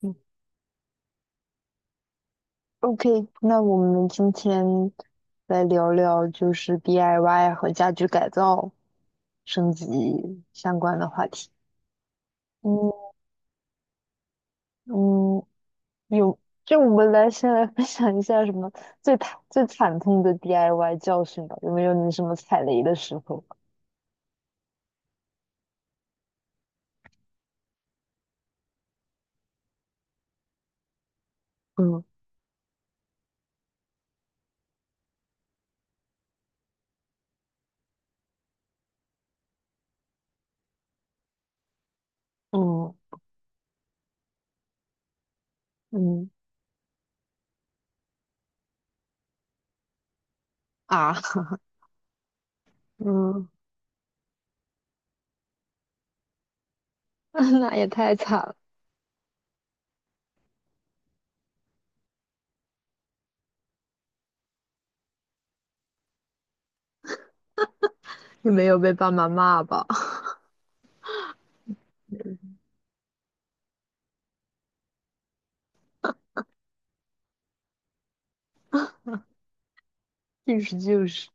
嗯， OK，那我们今天来聊聊就是 DIY 和家居改造升级相关的话题。嗯嗯，有，就我们先来分享一下什么最惨痛的 DIY 教训吧。有没有你什么踩雷的时候？嗯嗯嗯，啊，嗯，那也太惨了。你没有被爸妈骂吧？就是就是。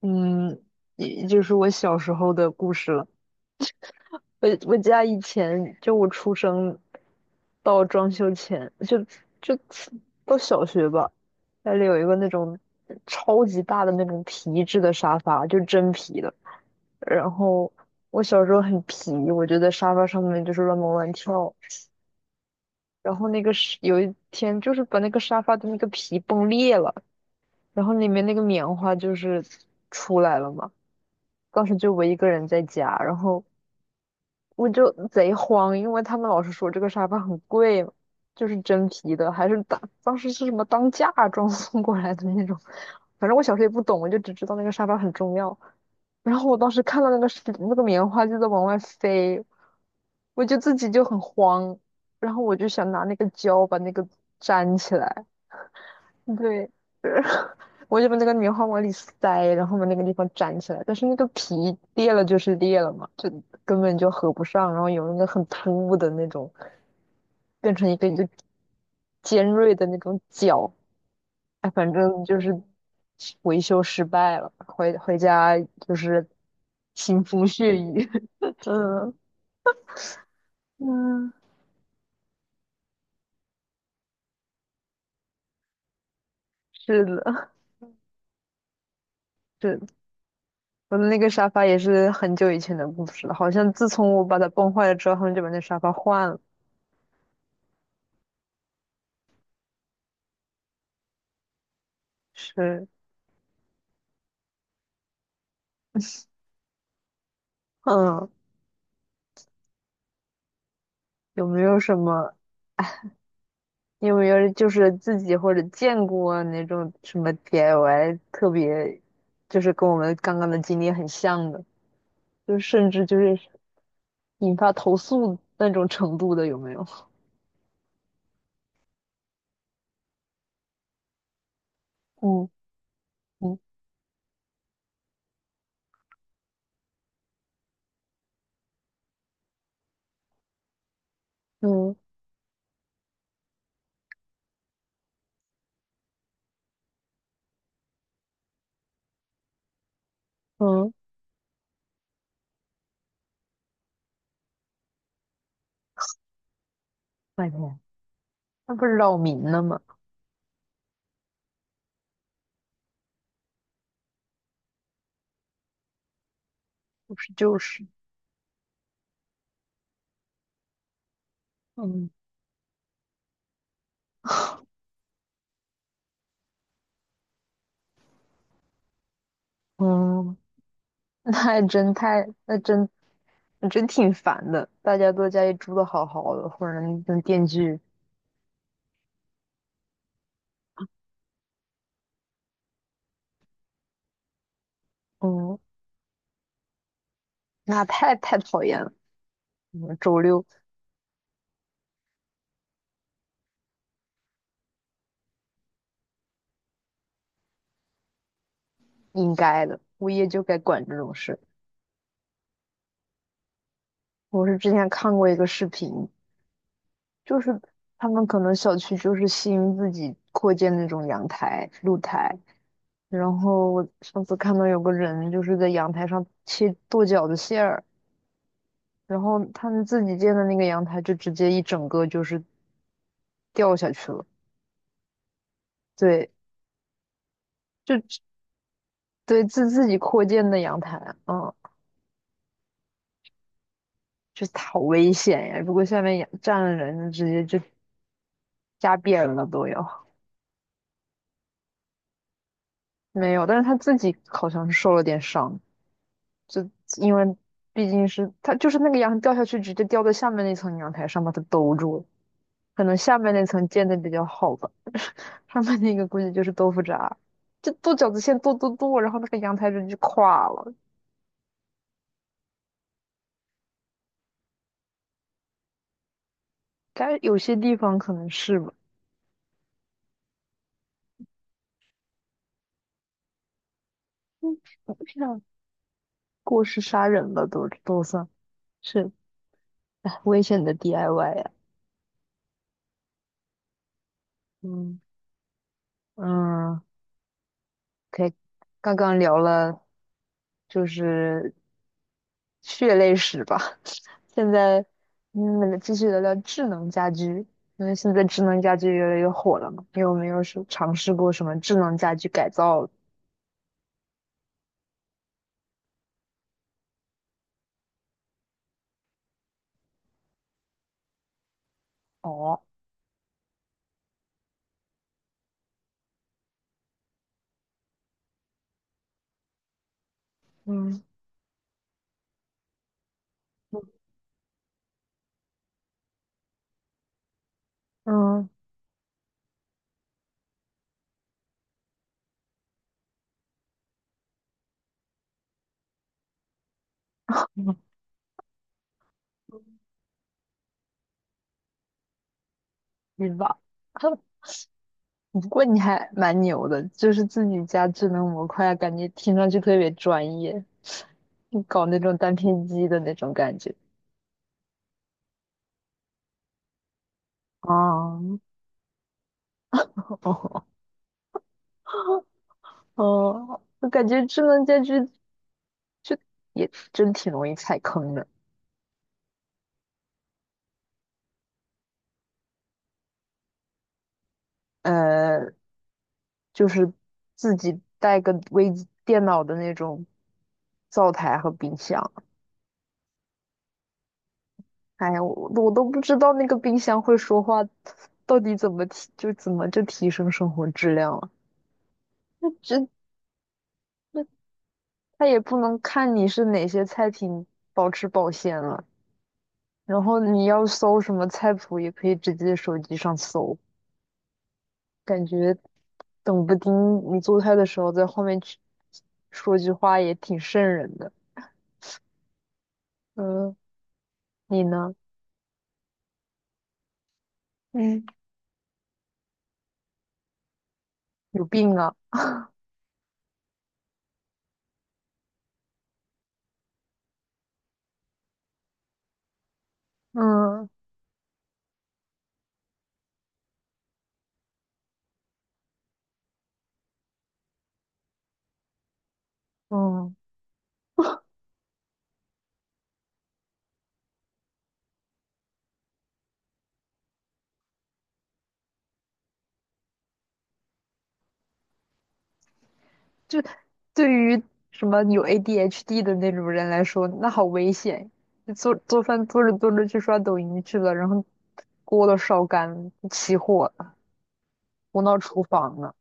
嗯，也就是我小时候的故事了。我家以前，就我出生到装修前，就到小学吧，家里有一个那种超级大的那种皮质的沙发，就真皮的。然后我小时候很皮，我就在沙发上面就是乱蹦乱跳。然后那个是有一天就是把那个沙发的那个皮崩裂了，然后里面那个棉花就是出来了嘛。当时就我一个人在家。然后我就贼慌，因为他们老是说这个沙发很贵嘛，就是真皮的，还是当时是什么当嫁妆送过来的那种。反正我小时候也不懂，我就只知道那个沙发很重要。然后我当时看到那个是那个棉花就在往外飞，我就自己就很慌，然后我就想拿那个胶把那个粘起来。对，我就把那个棉花往里塞，然后把那个地方粘起来，但是那个皮裂了就是裂了嘛，就根本就合不上，然后有那个很突兀的那种，变成一个一个尖锐的那种角。哎，反正就是维修失败了，回家就是腥风血雨。嗯嗯，是的，是的。我的那个沙发也是很久以前的故事了，好像自从我把它崩坏了之后，他们就把那沙发换了。是。嗯，有没有什么？你有没有就是自己或者见过那种什么 DIY 特别，就是跟我们刚刚的经历很像的，就甚至就是引发投诉那种程度的，有没有？嗯嗯嗯嗯，白天。那不是扰民了吗？不是就是。嗯嗯，那还真太，那真那真挺烦的。大家都在家里住的好好的，或者那电锯。嗯，那太讨厌了。嗯，周六。应该的，物业就该管这种事。我是之前看过一个视频，就是他们可能小区就是新自己扩建那种阳台、露台，然后我上次看到有个人就是在阳台上切剁饺子馅儿，然后他们自己建的那个阳台就直接一整个就是掉下去了。对，就对，自己扩建的阳台。嗯，就是好危险呀！如果下面养站了人，直接就扎扁了都要。没有，但是他自己好像是受了点伤，就因为毕竟是他就是那个羊掉下去，直接掉在下面那层阳台上，把它兜住了。可能下面那层建的比较好吧，上面那个估计就是豆腐渣，就剁饺子馅剁剁剁，然后那个阳台人就垮了。但是有些地方可能是吧。嗯，我不知道，过失杀人了都算是。哎，危险的 DIY 呀。嗯嗯，可以。刚刚聊了就是血泪史吧。现在，嗯，我们继续聊聊智能家居，因为现在智能家居越来越火了嘛。你有没有是尝试过什么智能家居改造？哦，嗯嗯，嗯，是吧？不过你还蛮牛的，就是自己家智能模块啊，感觉听上去特别专业，你搞那种单片机的那种感觉。哦哦哦，我感觉智能家居就也真挺容易踩坑的。呃，就是自己带个微机电脑的那种灶台和冰箱。哎呀，我都不知道那个冰箱会说话，到底怎么提升生活质量了？那这那它也不能看你是哪些菜品保鲜了，然后你要搜什么菜谱，也可以直接手机上搜。感觉等不丁你做菜的时候，在后面去说句话也挺瘆人的。嗯，你呢？嗯，有病啊！嗯嗯，就对于什么有 ADHD 的那种人来说，那好危险。就做做饭做着做着去刷抖音去了，然后锅都烧干了，起火了，冲到厨房了。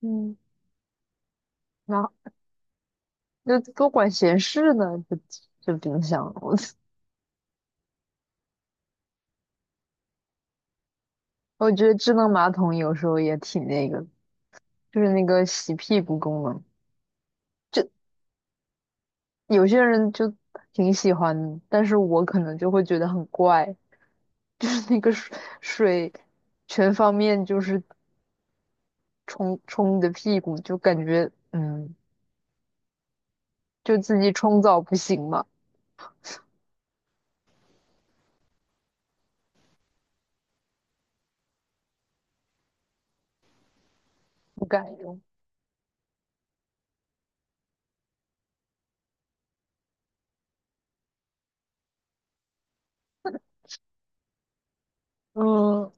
嗯，那多管闲事呢，就这冰箱。我觉得智能马桶有时候也挺那个，就是那个洗屁股功能，就有些人就挺喜欢，但是我可能就会觉得很怪。就是那个水水全方面就是冲冲你的屁股，就感觉就自己冲澡不行嘛，不敢用。嗯，